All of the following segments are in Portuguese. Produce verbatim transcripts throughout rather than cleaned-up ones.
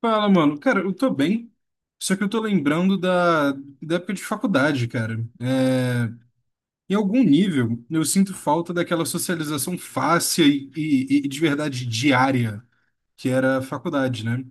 Fala, mano. Cara, eu tô bem, só que eu tô lembrando da, da época de faculdade, cara. É, em algum nível, eu sinto falta daquela socialização fácil e, e- e de verdade diária que era a faculdade, né?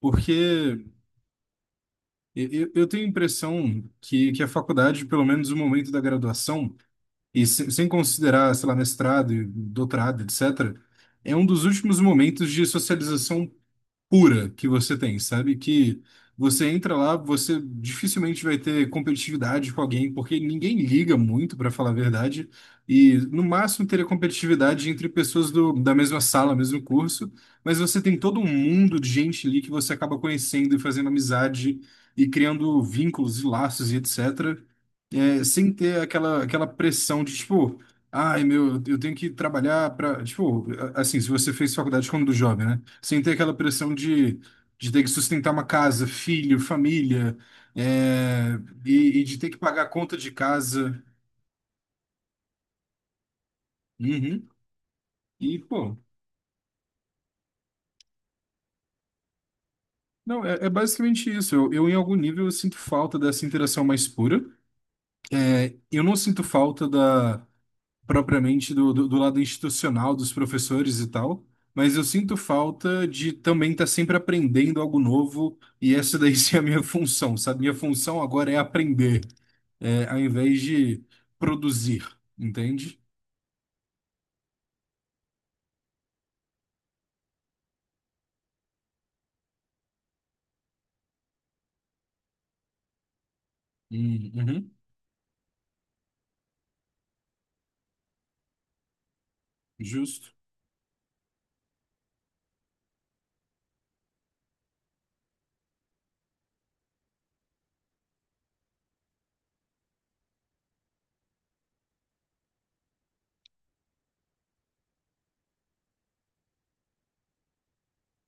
Porque eu, eu eu tenho a impressão que, que a faculdade, pelo menos o momento da graduação, e se- sem considerar, sei lá, mestrado, e doutorado, etcétera, é um dos últimos momentos de socialização pura que você tem, sabe? Que você entra lá, você dificilmente vai ter competitividade com alguém, porque ninguém liga muito, para falar a verdade, e no máximo teria competitividade entre pessoas do, da mesma sala, mesmo curso, mas você tem todo um mundo de gente ali que você acaba conhecendo e fazendo amizade e criando vínculos e laços e etc sem ter aquela, aquela pressão de, tipo, ai, meu, eu tenho que trabalhar para, tipo, a- assim, se você fez faculdade quando jovem, né? Sem ter aquela pressão de, de ter que sustentar uma casa, filho, família, é, e, e de ter que pagar a conta de casa. Uhum. E, pô, não, é, é basicamente isso. Eu, eu, em algum nível, eu sinto falta dessa interação mais pura. É, eu não sinto falta da propriamente do, do, do lado institucional dos professores e tal, mas eu sinto falta de também estar sempre aprendendo algo novo e essa daí sim é a minha função, sabe? Minha função agora é aprender, é, ao invés de produzir, entende? Hum, Uhum, justo,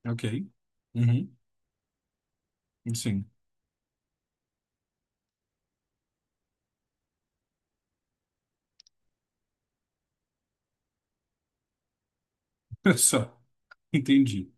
ok. Uhum, sim, só, entendi.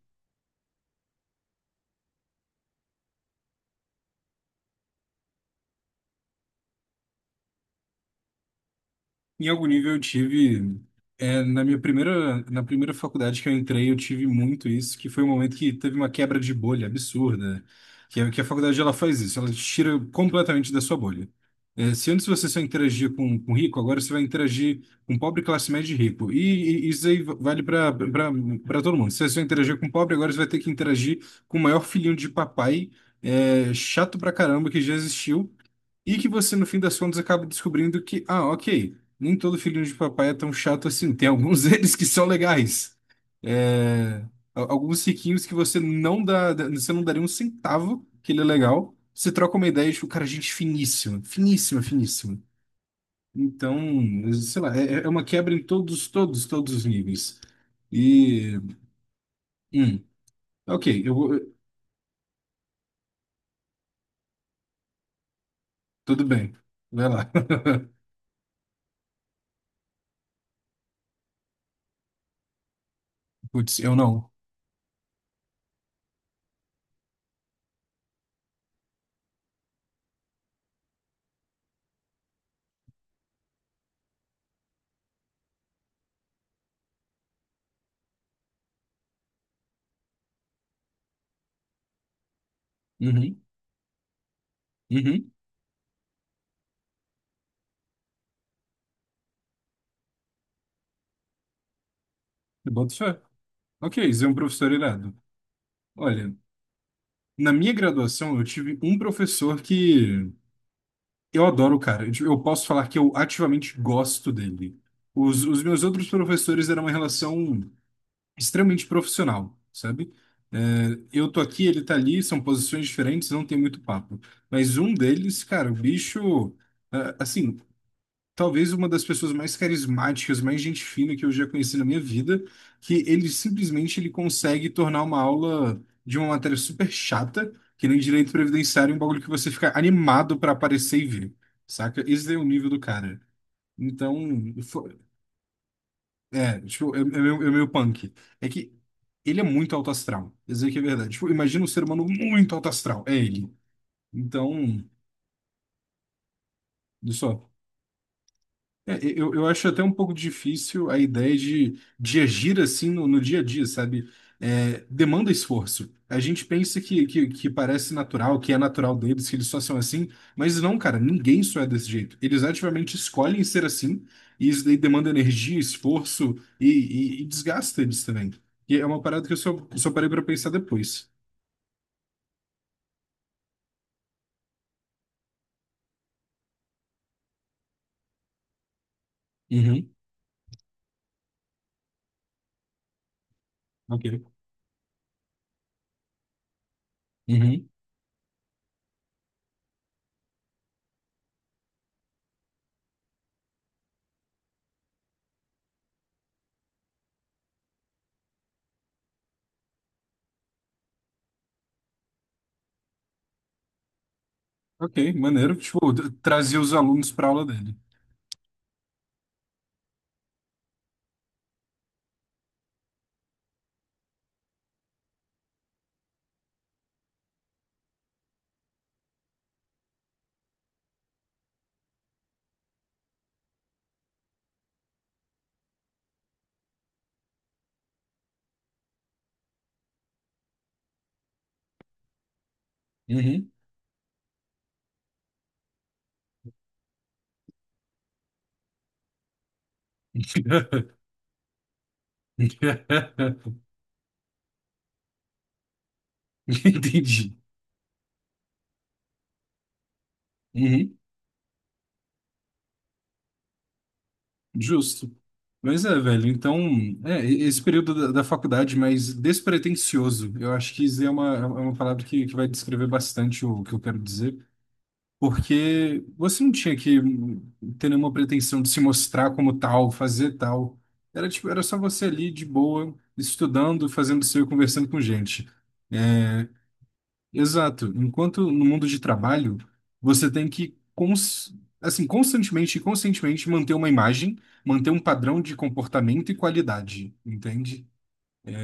Em algum nível eu tive, é, na minha primeira, na primeira faculdade que eu entrei, eu tive muito isso, que foi um momento que teve uma quebra de bolha absurda, que, é- que a faculdade ela faz isso, ela te tira completamente da sua bolha. É, se antes você só interagia com, com rico, agora você vai interagir com pobre, classe média e rico. E, e isso aí vale para para todo mundo. Se você só interagia com pobre, agora você vai ter que interagir com o maior filhinho de papai, é, chato pra caramba que já existiu. E que você, no fim das contas, acaba descobrindo que, ah, ok, nem todo filhinho de papai é tão chato assim. Tem alguns deles que são legais. É, al- alguns riquinhos que você não dá, dá- você não daria um centavo que ele é legal. Você troca uma ideia, tipo, cara, gente finíssima, finíssima, finíssima. Então, sei lá, é, é uma quebra em todos, todos, todos os níveis. E, hum, ok, eu vou, tudo bem, vai lá. Putz, eu não. Uhum, uhum, eu boto fé. Ok, isso é um professor irado. Olha, na minha graduação eu tive um professor que eu adoro o cara. Eu tipo, eu posso falar que eu ativamente gosto dele. Os, os meus outros professores eram uma relação extremamente profissional, sabe? É, eu tô aqui, ele tá ali, são posições diferentes, não tem muito papo. Mas um deles, cara, o bicho, é, assim, talvez uma das pessoas mais carismáticas, mais gente fina que eu já conheci na minha vida, que ele simplesmente ele consegue tornar uma aula de uma matéria super chata, que nem direito previdenciário, um bagulho que você fica animado pra aparecer e ver saca? Esse é o nível do cara. Então, fo- é, tipo, é, é meio, é meio punk. É que ele é muito alto astral, isso aí que é verdade. Tipo, imagina um ser humano muito alto astral, é ele. Então, olha só. É, eu, eu acho até um pouco difícil a ideia de, de agir assim no, no dia a dia, sabe? É, demanda esforço. A gente pensa que, que, que parece natural, que é natural deles, que eles só são assim, mas não, cara, ninguém só é desse jeito. Eles ativamente escolhem ser assim, e isso daí demanda energia, esforço e, e, e desgasta eles também. E é uma parada que eu só, só parei pra pensar depois. Uhum, ok. Uhum, ok, maneiro. Tipo, t- trazer os alunos pra aula dele. Uhum. Entendi. Uhum. Justo. Mas é, velho, então, é, e- esse período da, da faculdade mais despretensioso, eu acho que isso é uma, é uma palavra que, que vai descrever bastante o que eu quero dizer, porque você não tinha que ter nenhuma pretensão de se mostrar como tal, fazer tal. Era tipo, era só você ali de boa, estudando, fazendo seu e conversando com gente. Exato. Enquanto no mundo de trabalho, você tem que cons- assim, constantemente e conscientemente manter uma imagem, manter um padrão de comportamento e qualidade, entende?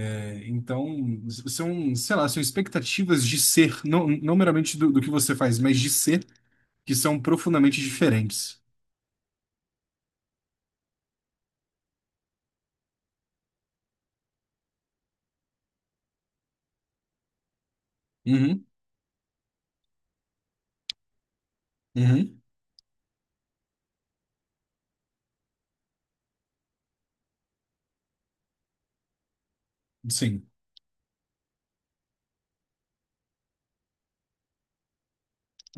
É, então, s- são, sei lá, são expectativas de ser, não, não meramente do, do que você faz, mas de ser, que são profundamente diferentes. Uhum, uhum. Sim,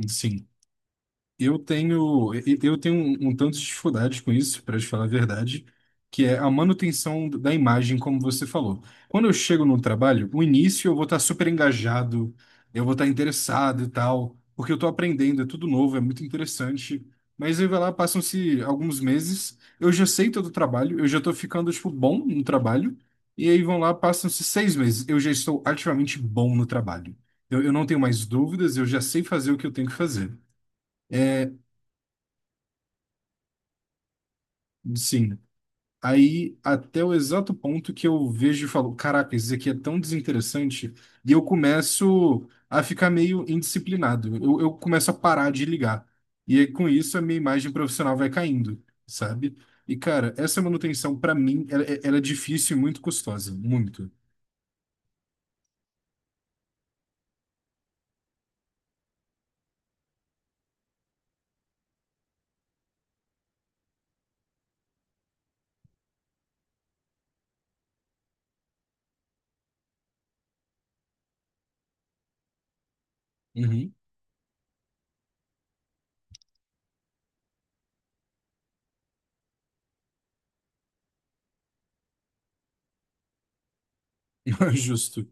sim. Eu tenho, e- eu tenho um, um tanto de dificuldade com isso, para te falar a verdade, que é a manutenção da imagem, como você falou. Quando eu chego no trabalho, o início eu vou estar super engajado, eu vou estar interessado e tal, porque eu estou aprendendo, é tudo novo, é muito interessante. Mas aí vai lá, passam-se alguns meses, eu já sei todo o trabalho, eu já estou ficando, tipo, bom no trabalho, e aí vão lá, passam-se seis meses, eu já estou ativamente bom no trabalho. Eu, eu não tenho mais dúvidas, eu já sei fazer o que eu tenho que fazer. Sim. Aí, até o exato ponto que eu vejo e falo, caraca, isso aqui é tão desinteressante, e eu começo a ficar meio indisciplinado. Eu, eu começo a parar de ligar. E aí, com isso, a minha imagem profissional vai caindo, sabe? E, cara, essa manutenção, pra mim, ela, é ela é difícil e muito custosa. Muito. Uhum. Justo.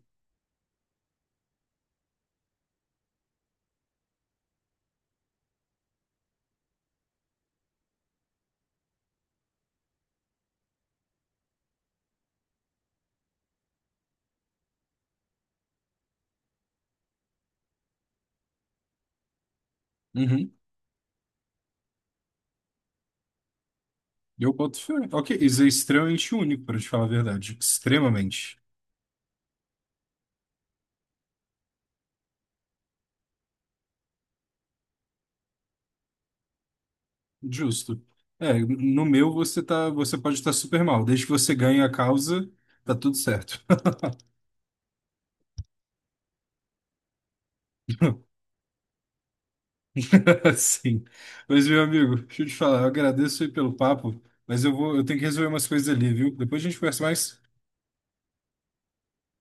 Uhum. Eu boto fé. Ok, isso é extremamente único, para te falar a verdade. Extremamente. Justo. É, no meu você tá, você pode estar super mal. Desde que você ganhe a causa, tá tudo certo. Sim. Mas, meu amigo, deixa eu te falar, eu agradeço aí pelo papo, mas eu vou, eu tenho que resolver umas coisas ali, viu? Depois a gente conversa mais.